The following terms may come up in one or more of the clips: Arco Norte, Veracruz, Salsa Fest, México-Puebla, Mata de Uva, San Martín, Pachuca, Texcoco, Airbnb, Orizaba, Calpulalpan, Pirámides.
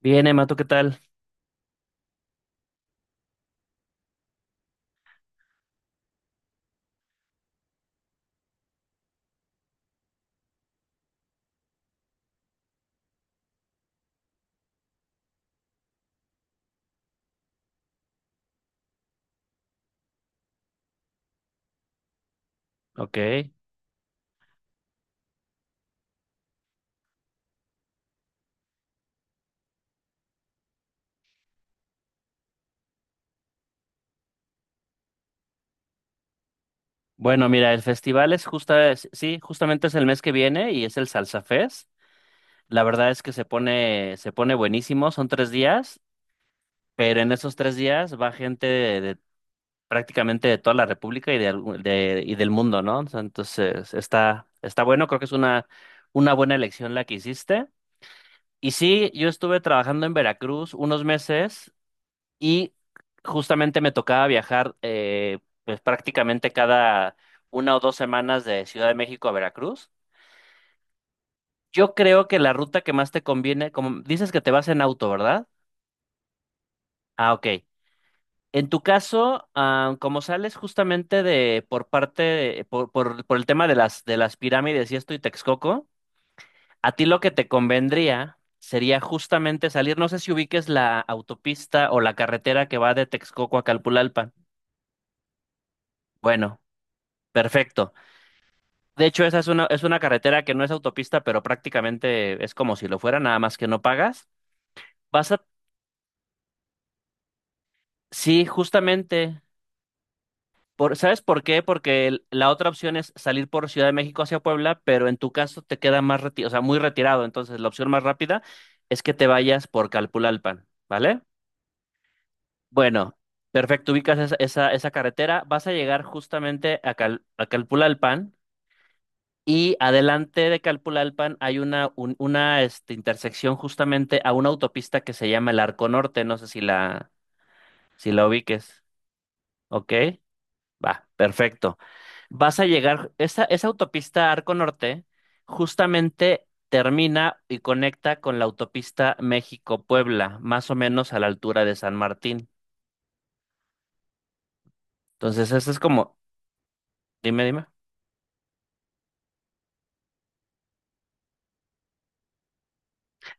Bien, Emma, ¿tú qué tal? Ok. Bueno, mira, el festival es sí, justamente es el mes que viene y es el Salsa Fest. La verdad es que se pone buenísimo, son 3 días, pero en esos 3 días va gente de prácticamente de toda la República y del mundo, ¿no? O sea, entonces, está bueno, creo que es una buena elección la que hiciste. Y sí, yo estuve trabajando en Veracruz unos meses y justamente me tocaba viajar pues prácticamente cada 1 o 2 semanas de Ciudad de México a Veracruz. Yo creo que la ruta que más te conviene, como dices que te vas en auto, ¿verdad? Ah, ok. En tu caso, como sales justamente de por parte de- por el tema de las pirámides y esto y Texcoco, a ti lo que te convendría sería justamente salir, no sé si ubiques la autopista o la carretera que va de Texcoco a Calpulalpan. Bueno, perfecto. De hecho, esa es una carretera que no es autopista, pero prácticamente es como si lo fuera, nada más que no pagas. Vas a... Sí, justamente. ¿Sabes por qué? Porque la otra opción es salir por Ciudad de México hacia Puebla, pero en tu caso te queda o sea, muy retirado. Entonces, la opción más rápida es que te vayas por Calpulalpan, ¿vale? Bueno, perfecto, ubicas esa carretera, vas a llegar justamente a Calpulalpan. Y adelante de Calpulalpan hay una intersección justamente a una autopista que se llama el Arco Norte. No sé si la ubiques. ¿Ok? Va, perfecto. Vas a llegar, esa autopista Arco Norte justamente termina y conecta con la autopista México-Puebla, más o menos a la altura de San Martín. Entonces, eso es como, dime, dime.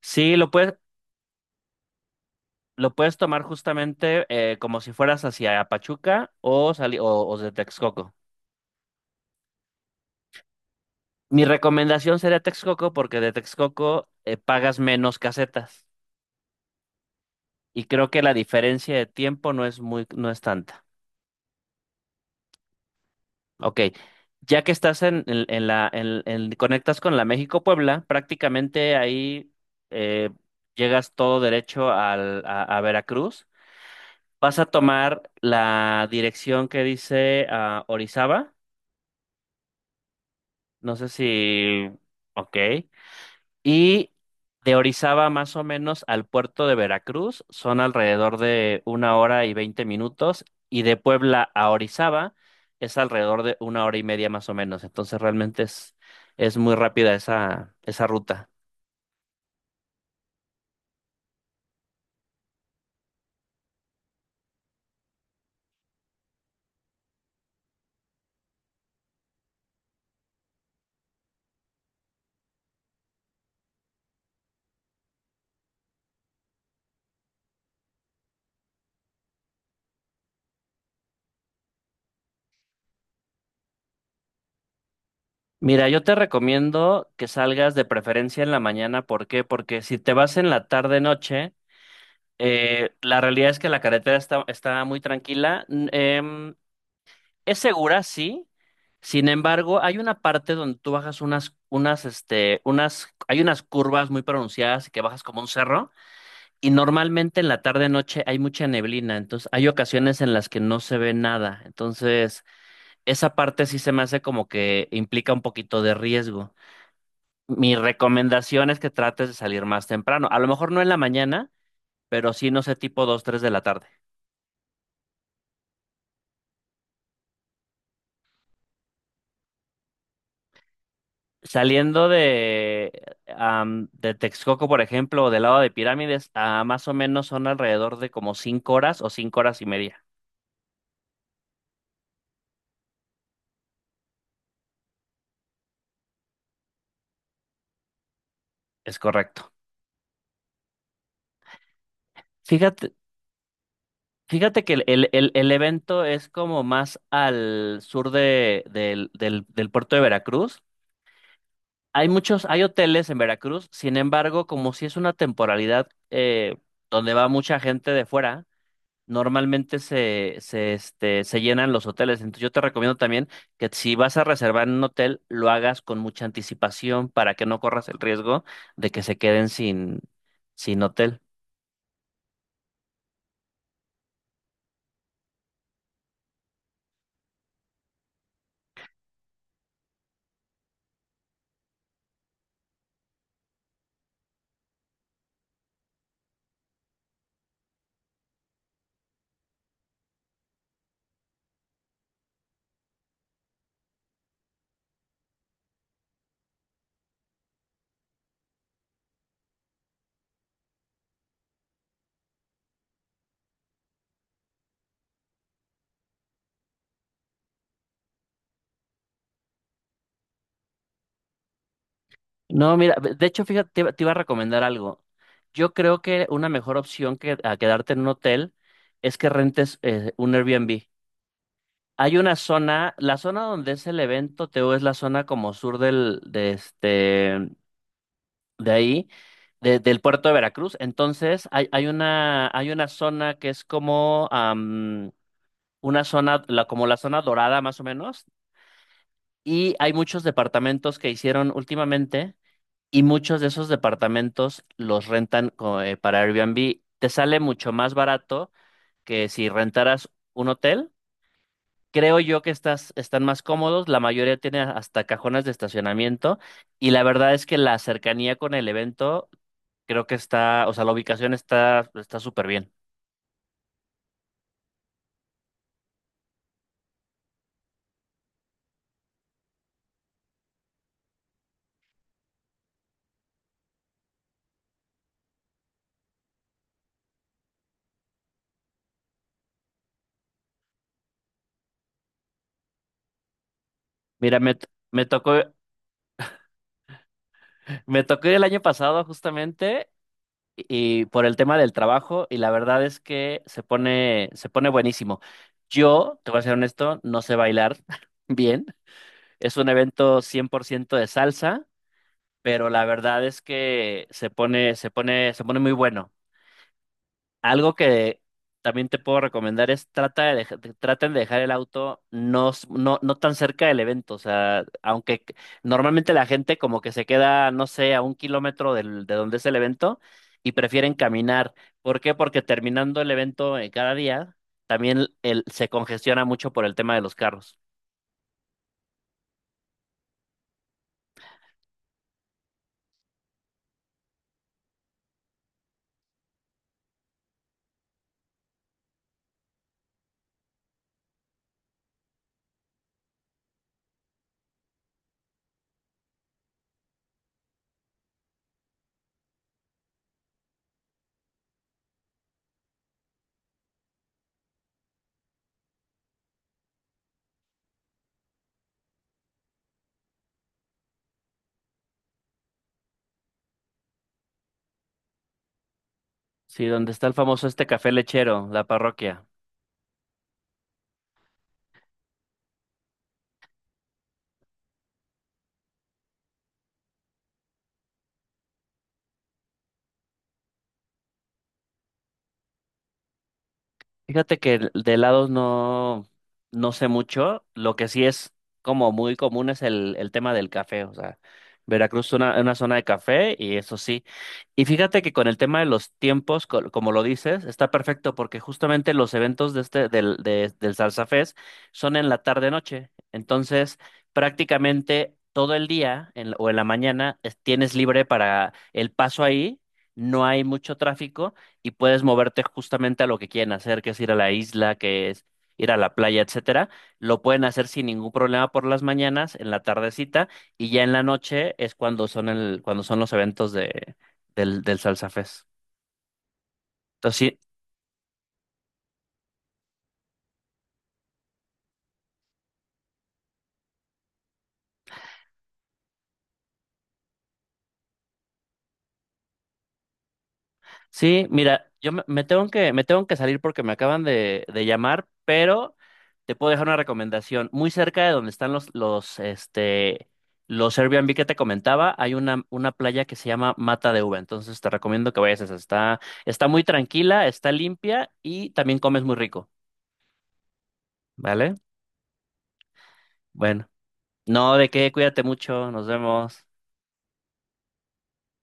Sí, lo puedes tomar justamente como si fueras hacia Pachuca o de Texcoco. Mi recomendación sería Texcoco porque de Texcoco pagas menos casetas y creo que la diferencia de tiempo no es tanta. Ok, ya que estás en la, en- conectas con la México-Puebla, prácticamente ahí eh, llegas todo derecho a Veracruz. Vas a tomar la dirección que dice Orizaba. No sé si... Ok. Y de Orizaba más o menos al puerto de Veracruz son alrededor de 1 hora y 20 minutos y de Puebla a Orizaba es alrededor de 1 hora y media más o menos. Entonces realmente es muy rápida esa ruta. Mira, yo te recomiendo que salgas de preferencia en la mañana. ¿Por qué? Porque si te vas en la tarde-noche, la realidad es que la carretera está muy tranquila. Es segura, sí. Sin embargo, hay una parte donde tú bajas unas, unas, este, unas, hay unas curvas muy pronunciadas y que bajas como un cerro. Y normalmente en la tarde-noche hay mucha neblina. Entonces, hay ocasiones en las que no se ve nada. Entonces, esa parte sí se me hace como que implica un poquito de riesgo. Mi recomendación es que trates de salir más temprano. A lo mejor no en la mañana, pero sí, no sé, tipo 2, 3 de la tarde. Saliendo de Texcoco, por ejemplo, o del lado de Pirámides, a más o menos son alrededor de como 5 horas o 5 horas y media. Es correcto. Fíjate, fíjate que el evento es como más al sur del puerto de Veracruz. Hay hoteles en Veracruz, sin embargo, como si es una temporalidad donde va mucha gente de fuera. Normalmente se llenan los hoteles. Entonces yo te recomiendo también que si vas a reservar en un hotel, lo hagas con mucha anticipación para que no corras el riesgo de que se queden sin hotel. No, mira, de hecho, fíjate, te iba a recomendar algo. Yo creo que una mejor opción que a quedarte en un hotel es que rentes un Airbnb. Hay una zona, la zona donde es el evento, Teo, es la zona como sur del, de este, de ahí, de- del puerto de Veracruz. Entonces, hay una zona que es como como la zona dorada más o menos, y hay muchos departamentos que hicieron últimamente, y muchos de esos departamentos los rentan para Airbnb. Te sale mucho más barato que si rentaras un hotel. Creo yo que estas están más cómodos, la mayoría tiene hasta cajones de estacionamiento y la verdad es que la cercanía con el evento. O sea, la ubicación está súper bien. Mira, me tocó ir el año pasado justamente y por el tema del trabajo y la verdad es que se pone buenísimo. Yo, te voy a ser honesto, no sé bailar bien. Es un evento 100% de salsa, pero la verdad es que se pone muy bueno. Algo que también te puedo recomendar es trata de dej- de- traten de dejar el auto no, no, no tan cerca del evento. O sea, normalmente la gente como que se queda, no sé, a 1 kilómetro de donde es el evento y prefieren caminar. ¿Por qué? Porque terminando el evento cada día, también se congestiona mucho por el tema de los carros. Sí, donde está el famoso café lechero, la parroquia. Fíjate que de helados no, no sé mucho. Lo que sí es como muy común es el tema del café. O sea, Veracruz es una zona de café y eso sí. Y fíjate que con el tema de los tiempos, como lo dices, está perfecto porque justamente los eventos de este, del, de- del Salsa Fest son en la tarde-noche. Entonces, prácticamente todo el día en o en la mañana tienes libre para el paso ahí. No hay mucho tráfico y puedes moverte justamente a lo que quieren hacer, que es ir a la isla, que es ir a la playa, etcétera. Lo pueden hacer sin ningún problema por las mañanas, en la tardecita, y ya en la noche es cuando son cuando son los eventos del Salsa Fest. Entonces, sí, sí, mira, yo me, me tengo que salir porque me acaban de llamar, pero te puedo dejar una recomendación. Muy cerca de donde están los Airbnb que te comentaba, hay una playa que se llama Mata de Uva. Entonces te recomiendo que vayas a esa. Está muy tranquila, está limpia y también comes muy rico. ¿Vale? Bueno, no, de qué, cuídate mucho, nos vemos.